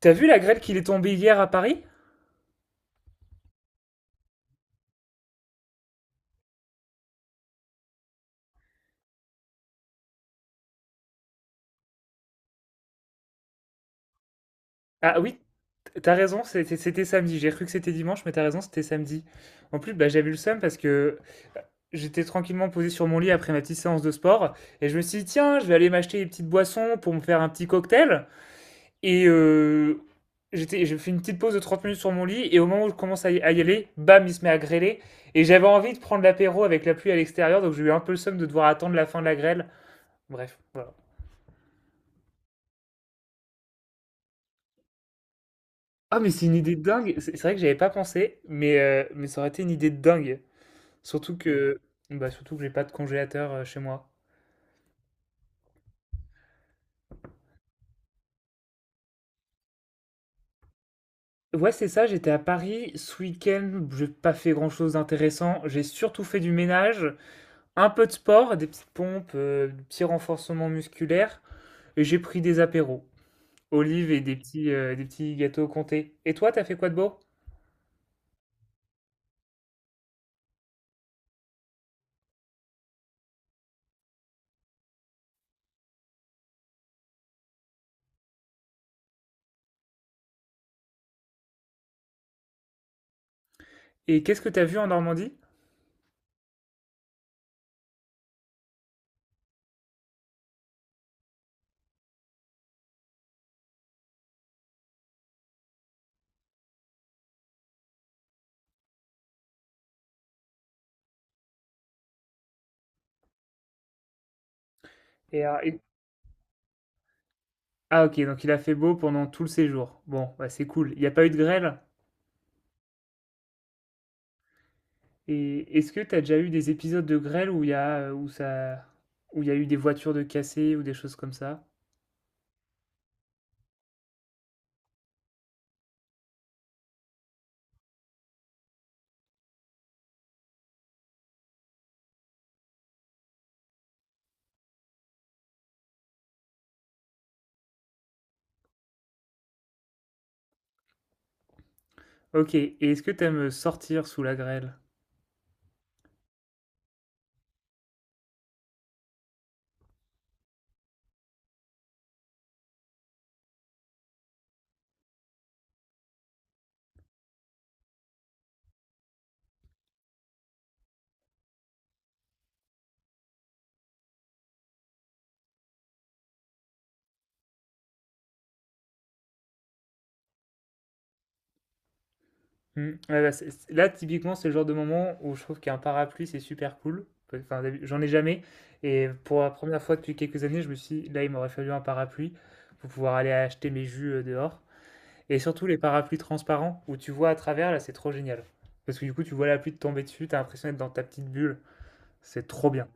T'as vu la grêle qu'il est tombée hier à Paris? Ah oui, t'as raison, c'était samedi. J'ai cru que c'était dimanche, mais t'as raison, c'était samedi. En plus, bah, j'avais eu le seum parce que euh, j'étais tranquillement posé sur mon lit après ma petite séance de sport et je me suis dit, tiens, je vais aller m'acheter des petites boissons pour me faire un petit cocktail. Et euh, j'ai fait une petite pause de 30 minutes sur mon lit et au moment où je commence à y aller, bam, il se met à grêler. Et j'avais envie de prendre l'apéro avec la pluie à l'extérieur, donc j'ai eu un peu le seum de devoir attendre la fin de la grêle. Bref, voilà. Ah, mais c'est une idée de dingue! C'est vrai que j'avais pas pensé, mais ça aurait été une idée de dingue. Surtout que bah, surtout que j'ai pas de congélateur, chez moi. Ouais, c'est ça, j'étais à Paris ce week-end, j'ai pas fait grand-chose d'intéressant. J'ai surtout fait du ménage, un peu de sport, des petites pompes, des petits renforcements musculaires et j'ai pris des apéros, olives et des petits gâteaux comté. Et toi, t'as fait quoi de beau? Et qu'est-ce que t'as vu en Normandie? Et ah et OK, donc il a fait beau pendant tout le séjour. Bon, bah, c'est cool. Il y a pas eu de grêle? Et est-ce que tu as déjà eu des épisodes de grêle où il y a, où il y a eu des voitures de cassées ou des choses comme ça? Ok, et est-ce que tu aimes sortir sous la grêle? Hmm, ouais, bah, là, typiquement, c'est le genre de moment où je trouve qu'un parapluie, c'est super cool. Enfin, j'en ai jamais. Et pour la première fois depuis quelques années, je me suis dit, là, il m'aurait fallu un parapluie pour pouvoir aller acheter mes jus dehors. Et surtout les parapluies transparents où tu vois à travers, là, c'est trop génial. Parce que du coup, tu vois la pluie te tomber dessus, t'as l'impression d'être dans ta petite bulle. C'est trop bien.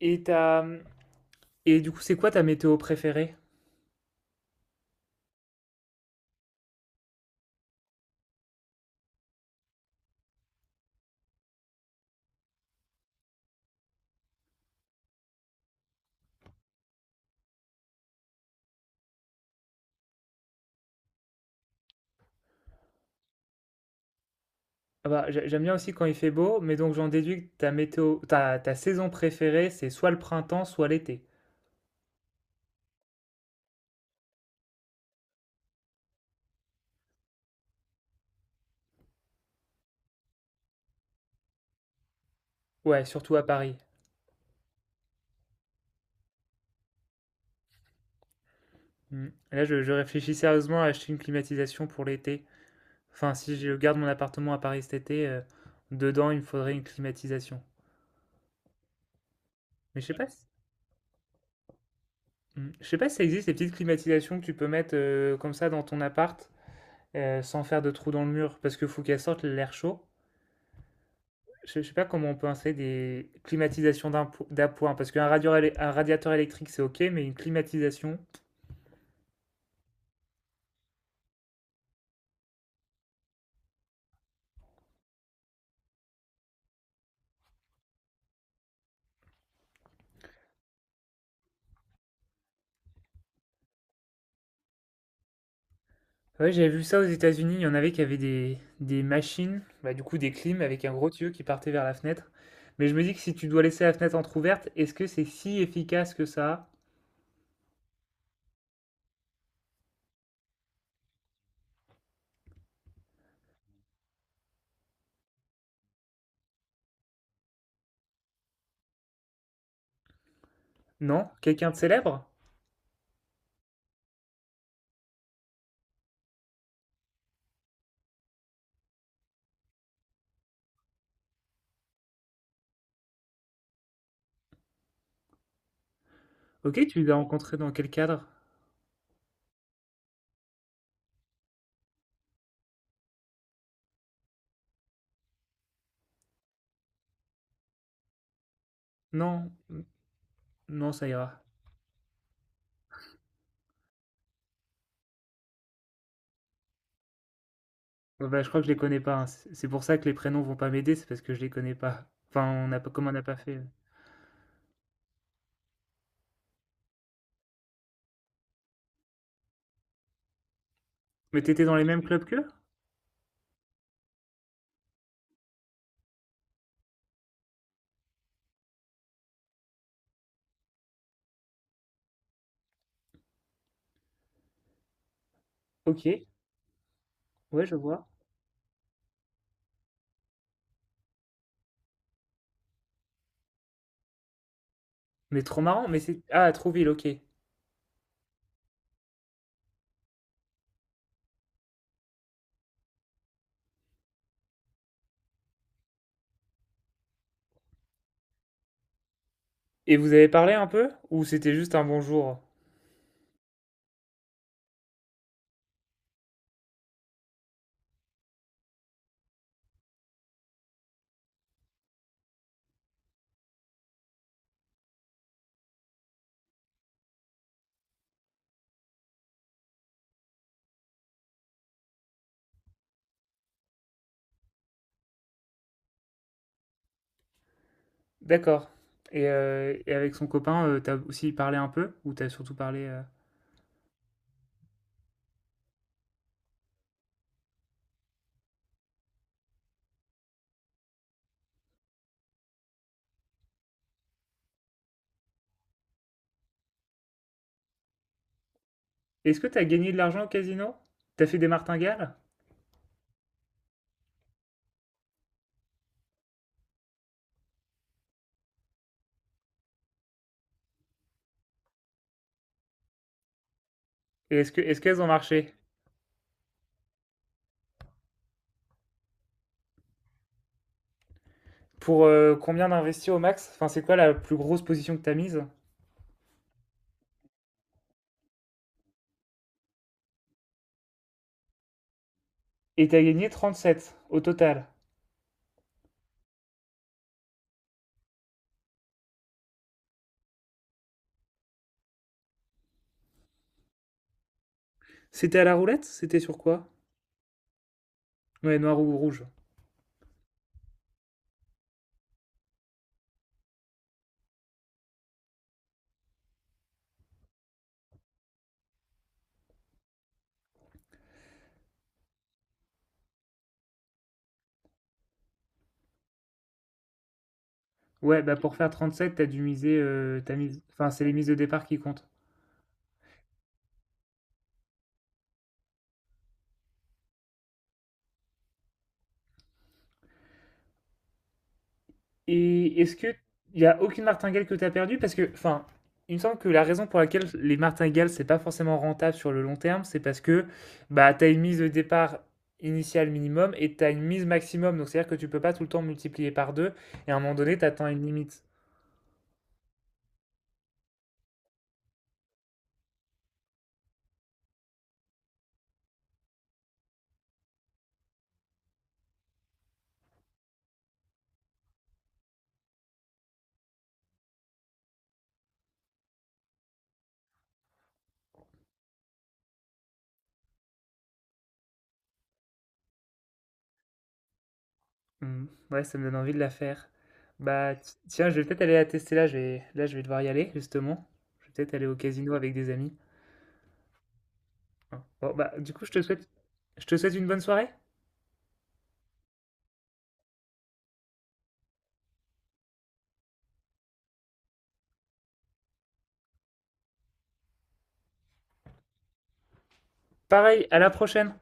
Et t'as, hum, Et du coup, c'est quoi ta météo préférée? Ah bah, j'aime bien aussi quand il fait beau, mais donc j'en déduis que ta ta saison préférée, c'est soit le printemps, soit l'été. Ouais, surtout à Paris. Mm. Là, je réfléchis sérieusement à acheter une climatisation pour l'été. Enfin, si je garde mon appartement à Paris cet été, dedans, il me faudrait une climatisation. Mais je sais pas si, Mm, je sais pas si ça existe, ces petites climatisations que tu peux mettre comme ça dans ton appart, sans faire de trou dans le mur, parce qu'il faut qu'elles sortent l'air chaud. Je sais pas comment on peut installer des climatisations d'appoint, parce un radiateur électrique c'est ok, mais une climatisation. Ouais, j'avais vu ça aux États-Unis, il y en avait qui avaient des machines, bah, du coup des clims avec un gros tuyau qui partait vers la fenêtre. Mais je me dis que si tu dois laisser la fenêtre entrouverte, est-ce que c'est si efficace que ça? Non? Quelqu'un de célèbre? Ok, tu l'as rencontré dans quel cadre? Non, non, ça ira. Ouais, bah, je crois que je les connais pas, hein. C'est pour ça que les prénoms vont pas m'aider, c'est parce que je les connais pas. Enfin, on n'a pas, comme on n'a pas fait. Mais t'étais dans les mêmes clubs que Ok, ouais, je vois. Mais trop marrant, mais c'est... Ah, à Trouville, ok. Et vous avez parlé un peu? Ou c'était juste un bonjour? D'accord. Et avec son copain, t'as aussi parlé un peu? Ou t'as surtout parlé... Est-ce que t'as gagné de l'argent au casino? T'as fait des martingales? Et est-ce que, est-ce qu'elles ont marché? Pour combien d'investir au max? Enfin, c'est quoi la plus grosse position que t'as mise? Et t'as gagné 37 au total. C'était à la roulette? C'était sur quoi? Ouais, noir ou rouge. Ouais, bah pour faire 37, t'as mis... Enfin, c'est les mises de départ qui comptent. Et est-ce que Il y a aucune martingale que tu as perdue? Parce que, enfin, il me semble que la raison pour laquelle les martingales, c'est pas forcément rentable sur le long terme, c'est parce que bah, tu as une mise de départ initiale minimum et tu as une mise maximum. Donc, c'est-à-dire que tu peux pas tout le temps multiplier par deux. Et à un moment donné, tu atteins une limite. Hmm, ouais, ça me donne envie de la faire. Bah, tiens, je vais peut-être aller la tester là. Je vais devoir y aller, justement. Je vais peut-être aller au casino avec des amis. Hein. Bon, bah, du coup, je te souhaite une bonne soirée. Pareil, à la prochaine.